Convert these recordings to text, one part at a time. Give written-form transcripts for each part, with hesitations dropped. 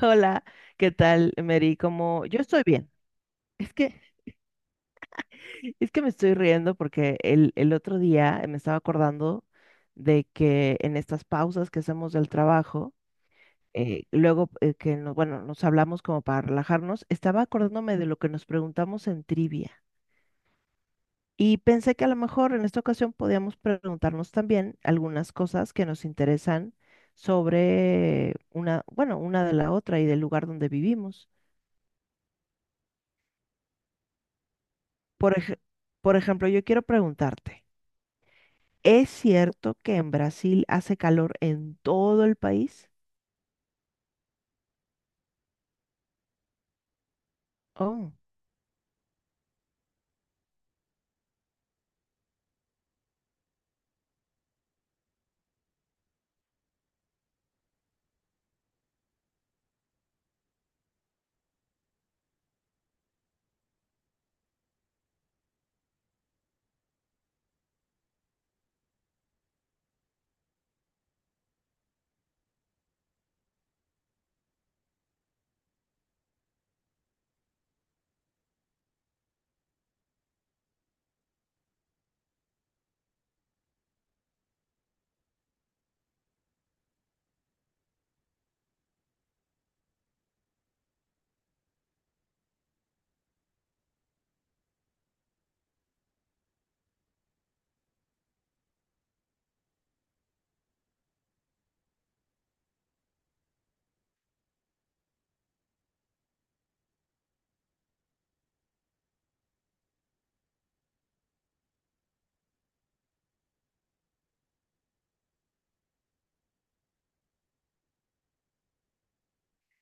Hola, ¿qué tal, Mary? Como yo estoy bien. Es que, es que me estoy riendo porque el otro día me estaba acordando de que en estas pausas que hacemos del trabajo, luego nos hablamos como para relajarnos, estaba acordándome de lo que nos preguntamos en trivia. Y pensé que a lo mejor en esta ocasión podíamos preguntarnos también algunas cosas que nos interesan sobre una de la otra y del lugar donde vivimos. Por ej- por ejemplo, yo quiero preguntarte, ¿es cierto que en Brasil hace calor en todo el país? Oh,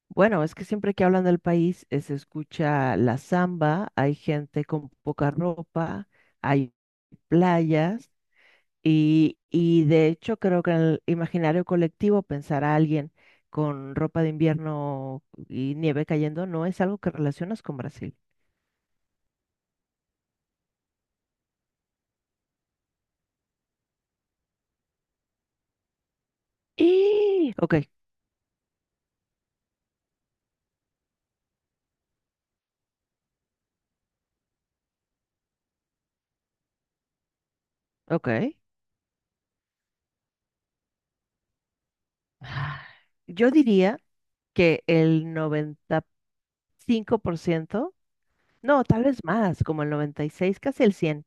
bueno, es que siempre que hablan del país se escucha la samba, hay gente con poca ropa, hay playas y de hecho creo que en el imaginario colectivo pensar a alguien con ropa de invierno y nieve cayendo no es algo que relacionas con Brasil. ¡Ih! Ok, ok. Ah, Yo diría que el 95%, no, tal vez más, como el 96, casi el 100,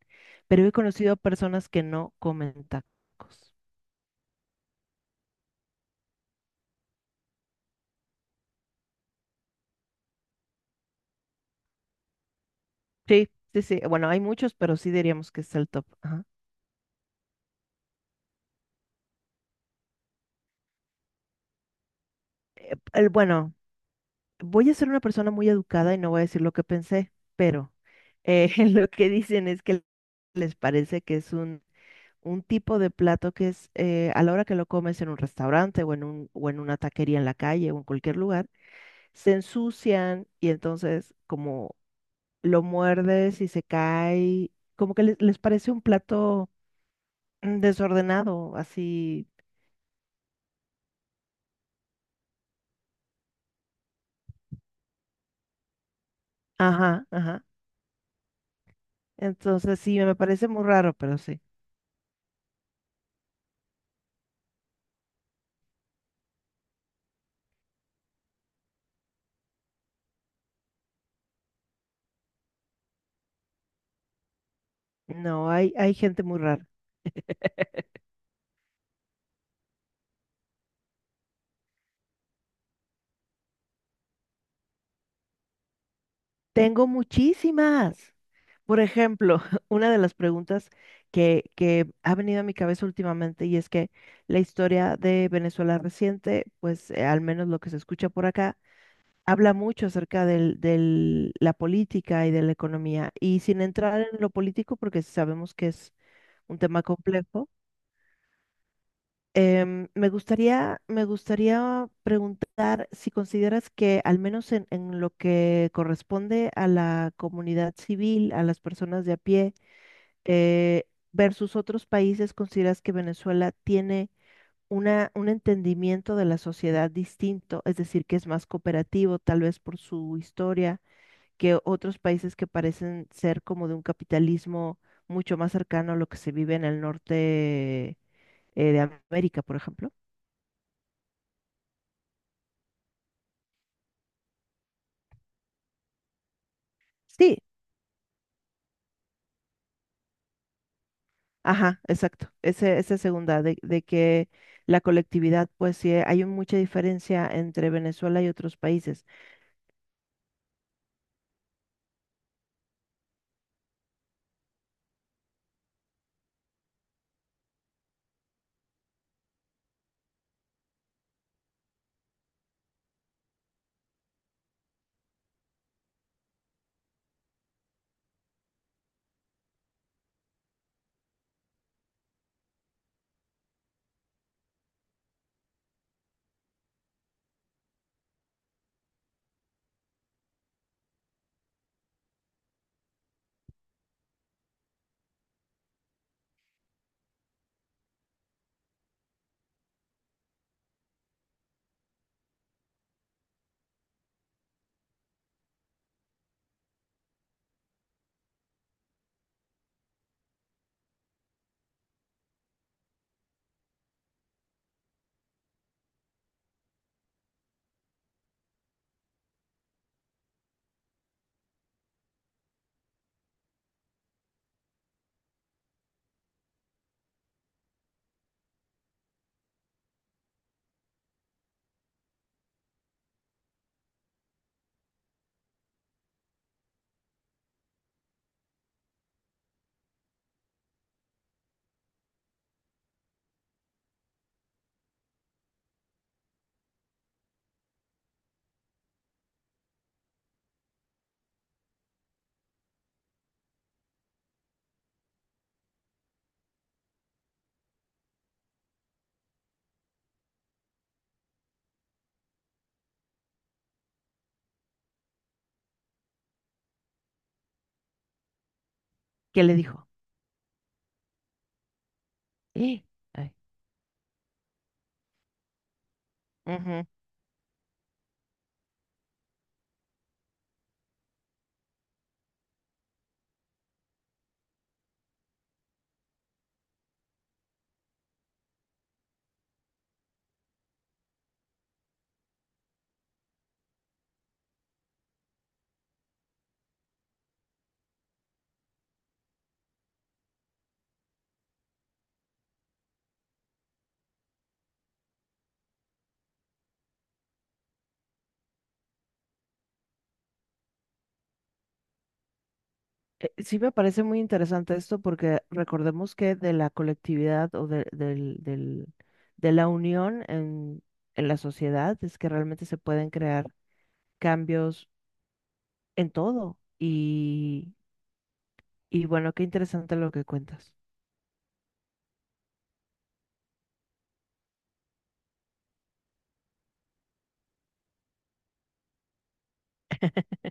pero he conocido personas que no comen tacos. Sí, sí, sí. Bueno, hay muchos, pero sí diríamos que es el top. Ajá. El, bueno, voy a ser una persona muy educada y no voy a decir lo que pensé, pero lo que dicen es que les parece que es un tipo de plato que es a la hora que lo comes en un restaurante o en una taquería en la calle o en cualquier lugar se ensucian y entonces como lo muerdes y se cae, como que les parece un plato desordenado, así, ajá, ajá. Entonces sí, me parece muy raro, pero sí. No, hay gente muy rara. Tengo muchísimas. Por ejemplo, una de las preguntas que ha venido a mi cabeza últimamente, y es que la historia de Venezuela reciente, pues al menos lo que se escucha por acá, habla mucho acerca de la política y de la economía. Y sin entrar en lo político, porque sabemos que es un tema complejo, me gustaría preguntar si consideras que, al menos en lo que corresponde a la comunidad civil, a las personas de a pie, eh, versus otros países, ¿consideras que Venezuela tiene un entendimiento de la sociedad distinto? Es decir, que es más cooperativo, tal vez por su historia, que otros países que parecen ser como de un capitalismo mucho más cercano a lo que se vive en el norte de América, por ejemplo. Sí, ajá, exacto. Ese, esa segunda, de que la colectividad, pues sí, hay mucha diferencia entre Venezuela y otros países. ¿Qué le dijo? Eh, ay. Ujú. Sí, me parece muy interesante esto, porque recordemos que de la colectividad o de la unión en la sociedad es que realmente se pueden crear cambios en todo. Y bueno, qué interesante lo que cuentas.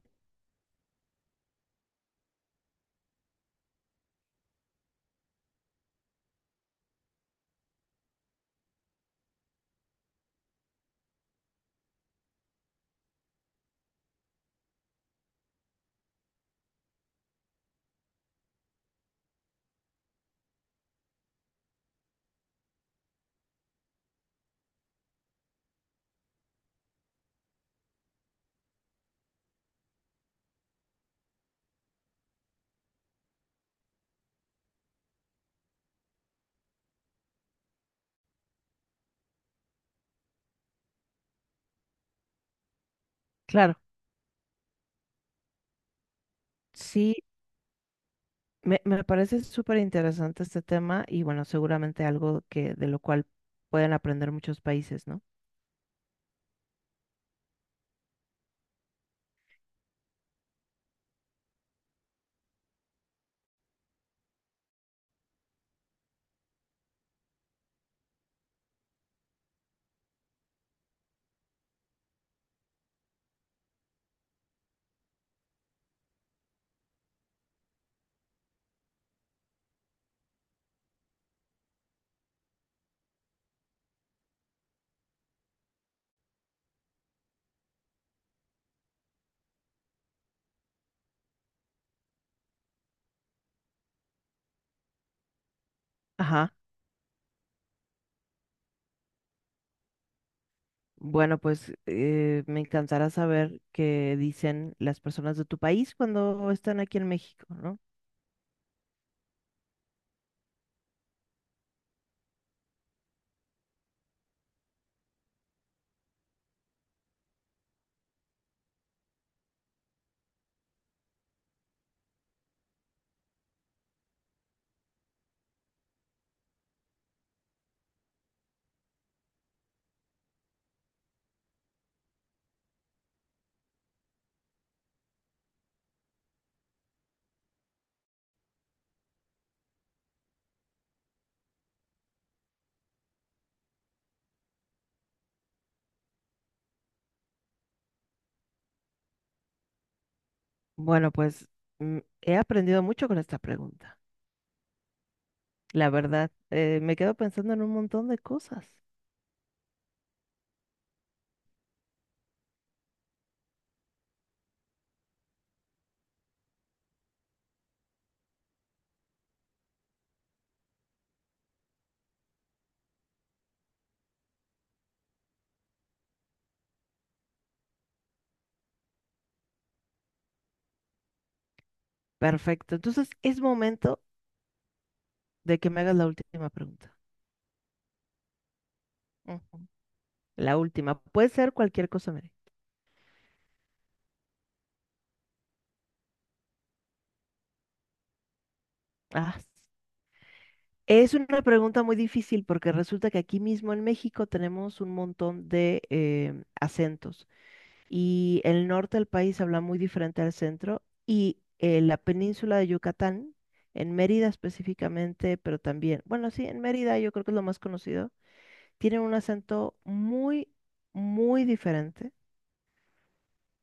Claro, sí, me parece súper interesante este tema, y bueno, seguramente algo que de lo cual pueden aprender muchos países, ¿no? Ajá. Bueno, pues me encantará saber qué dicen las personas de tu país cuando están aquí en México, ¿no? Bueno, pues he aprendido mucho con esta pregunta. La verdad, me quedo pensando en un montón de cosas. Perfecto. Entonces es momento de que me hagas la última pregunta. Ujú. La última. Puede ser cualquier cosa, Mary. Ah, es una pregunta muy difícil, porque resulta que aquí mismo en México tenemos un montón de acentos, y el norte del país habla muy diferente al centro, y la península de Yucatán, en Mérida específicamente, pero también, bueno, sí, en Mérida yo creo que es lo más conocido, tienen un acento muy, muy diferente.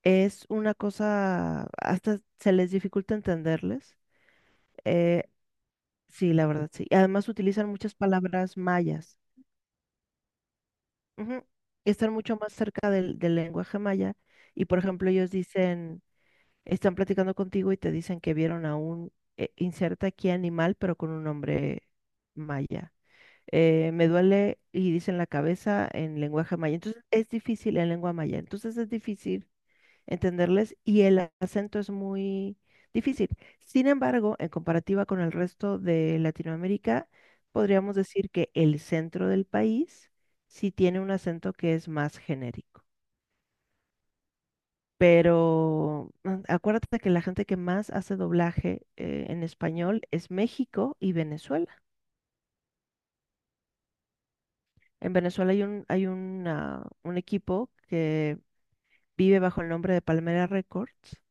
Es una cosa, hasta se les dificulta entenderles. Eh, sí, la verdad, sí. Además utilizan muchas palabras mayas. Ujú. Están mucho más cerca del lenguaje maya. Y por ejemplo, ellos dicen, están platicando contigo y te dicen que vieron a un, inserta aquí animal, pero con un nombre maya. Me duele y dicen la cabeza en lenguaje maya. Entonces es difícil en lengua maya. Entonces es difícil entenderles, y el acento es muy difícil. Sin embargo, en comparativa con el resto de Latinoamérica, podríamos decir que el centro del país sí tiene un acento que es más genérico. Pero mm, acuérdate que la gente que más hace doblaje en español es México y Venezuela. En Venezuela hay un, hay un equipo que vive bajo el nombre de Palmera Records.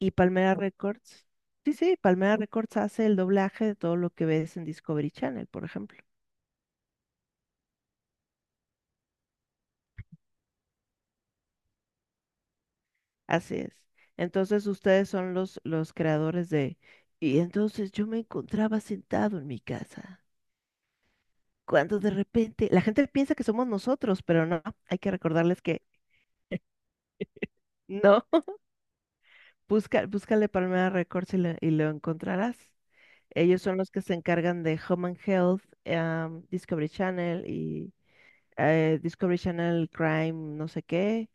Y Palmera Records, sí, sí, Palmera Records hace el doblaje de todo lo que ves en Discovery Channel, por ejemplo. Así es. Entonces ustedes son los creadores de... Y entonces yo me encontraba sentado en mi casa, cuando de repente la gente piensa que somos nosotros, pero no, hay que recordarles que no. Busca, búscale Palmera Records y lo encontrarás. Ellos son los que se encargan de Home and Health, Discovery Channel y Discovery Channel Crime, no sé qué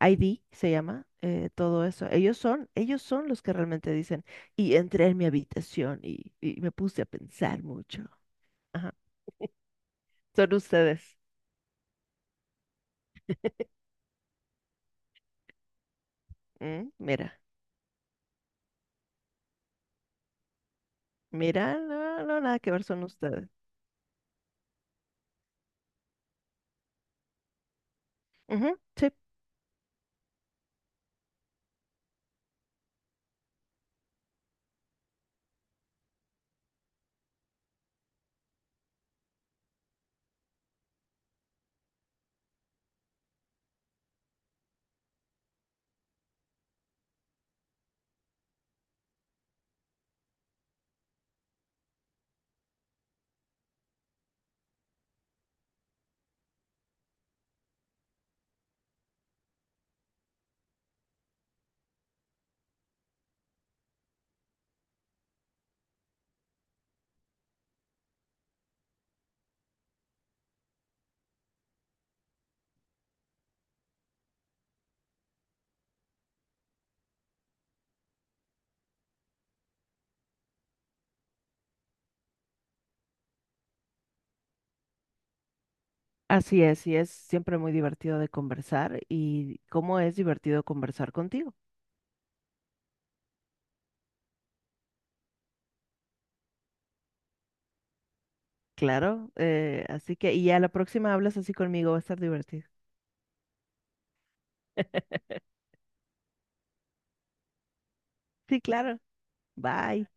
ID se llama, todo eso. Ellos son los que realmente dicen, y entré en mi habitación y me puse a pensar mucho. Ajá. Son ustedes. Mm. Mira, mira, no, no, nada que ver, son ustedes. Ujú, sí. Así es, y es siempre muy divertido de conversar, y cómo es divertido conversar contigo. Claro, así que, y a la próxima hablas así conmigo, va a estar divertido. Sí, claro. Bye.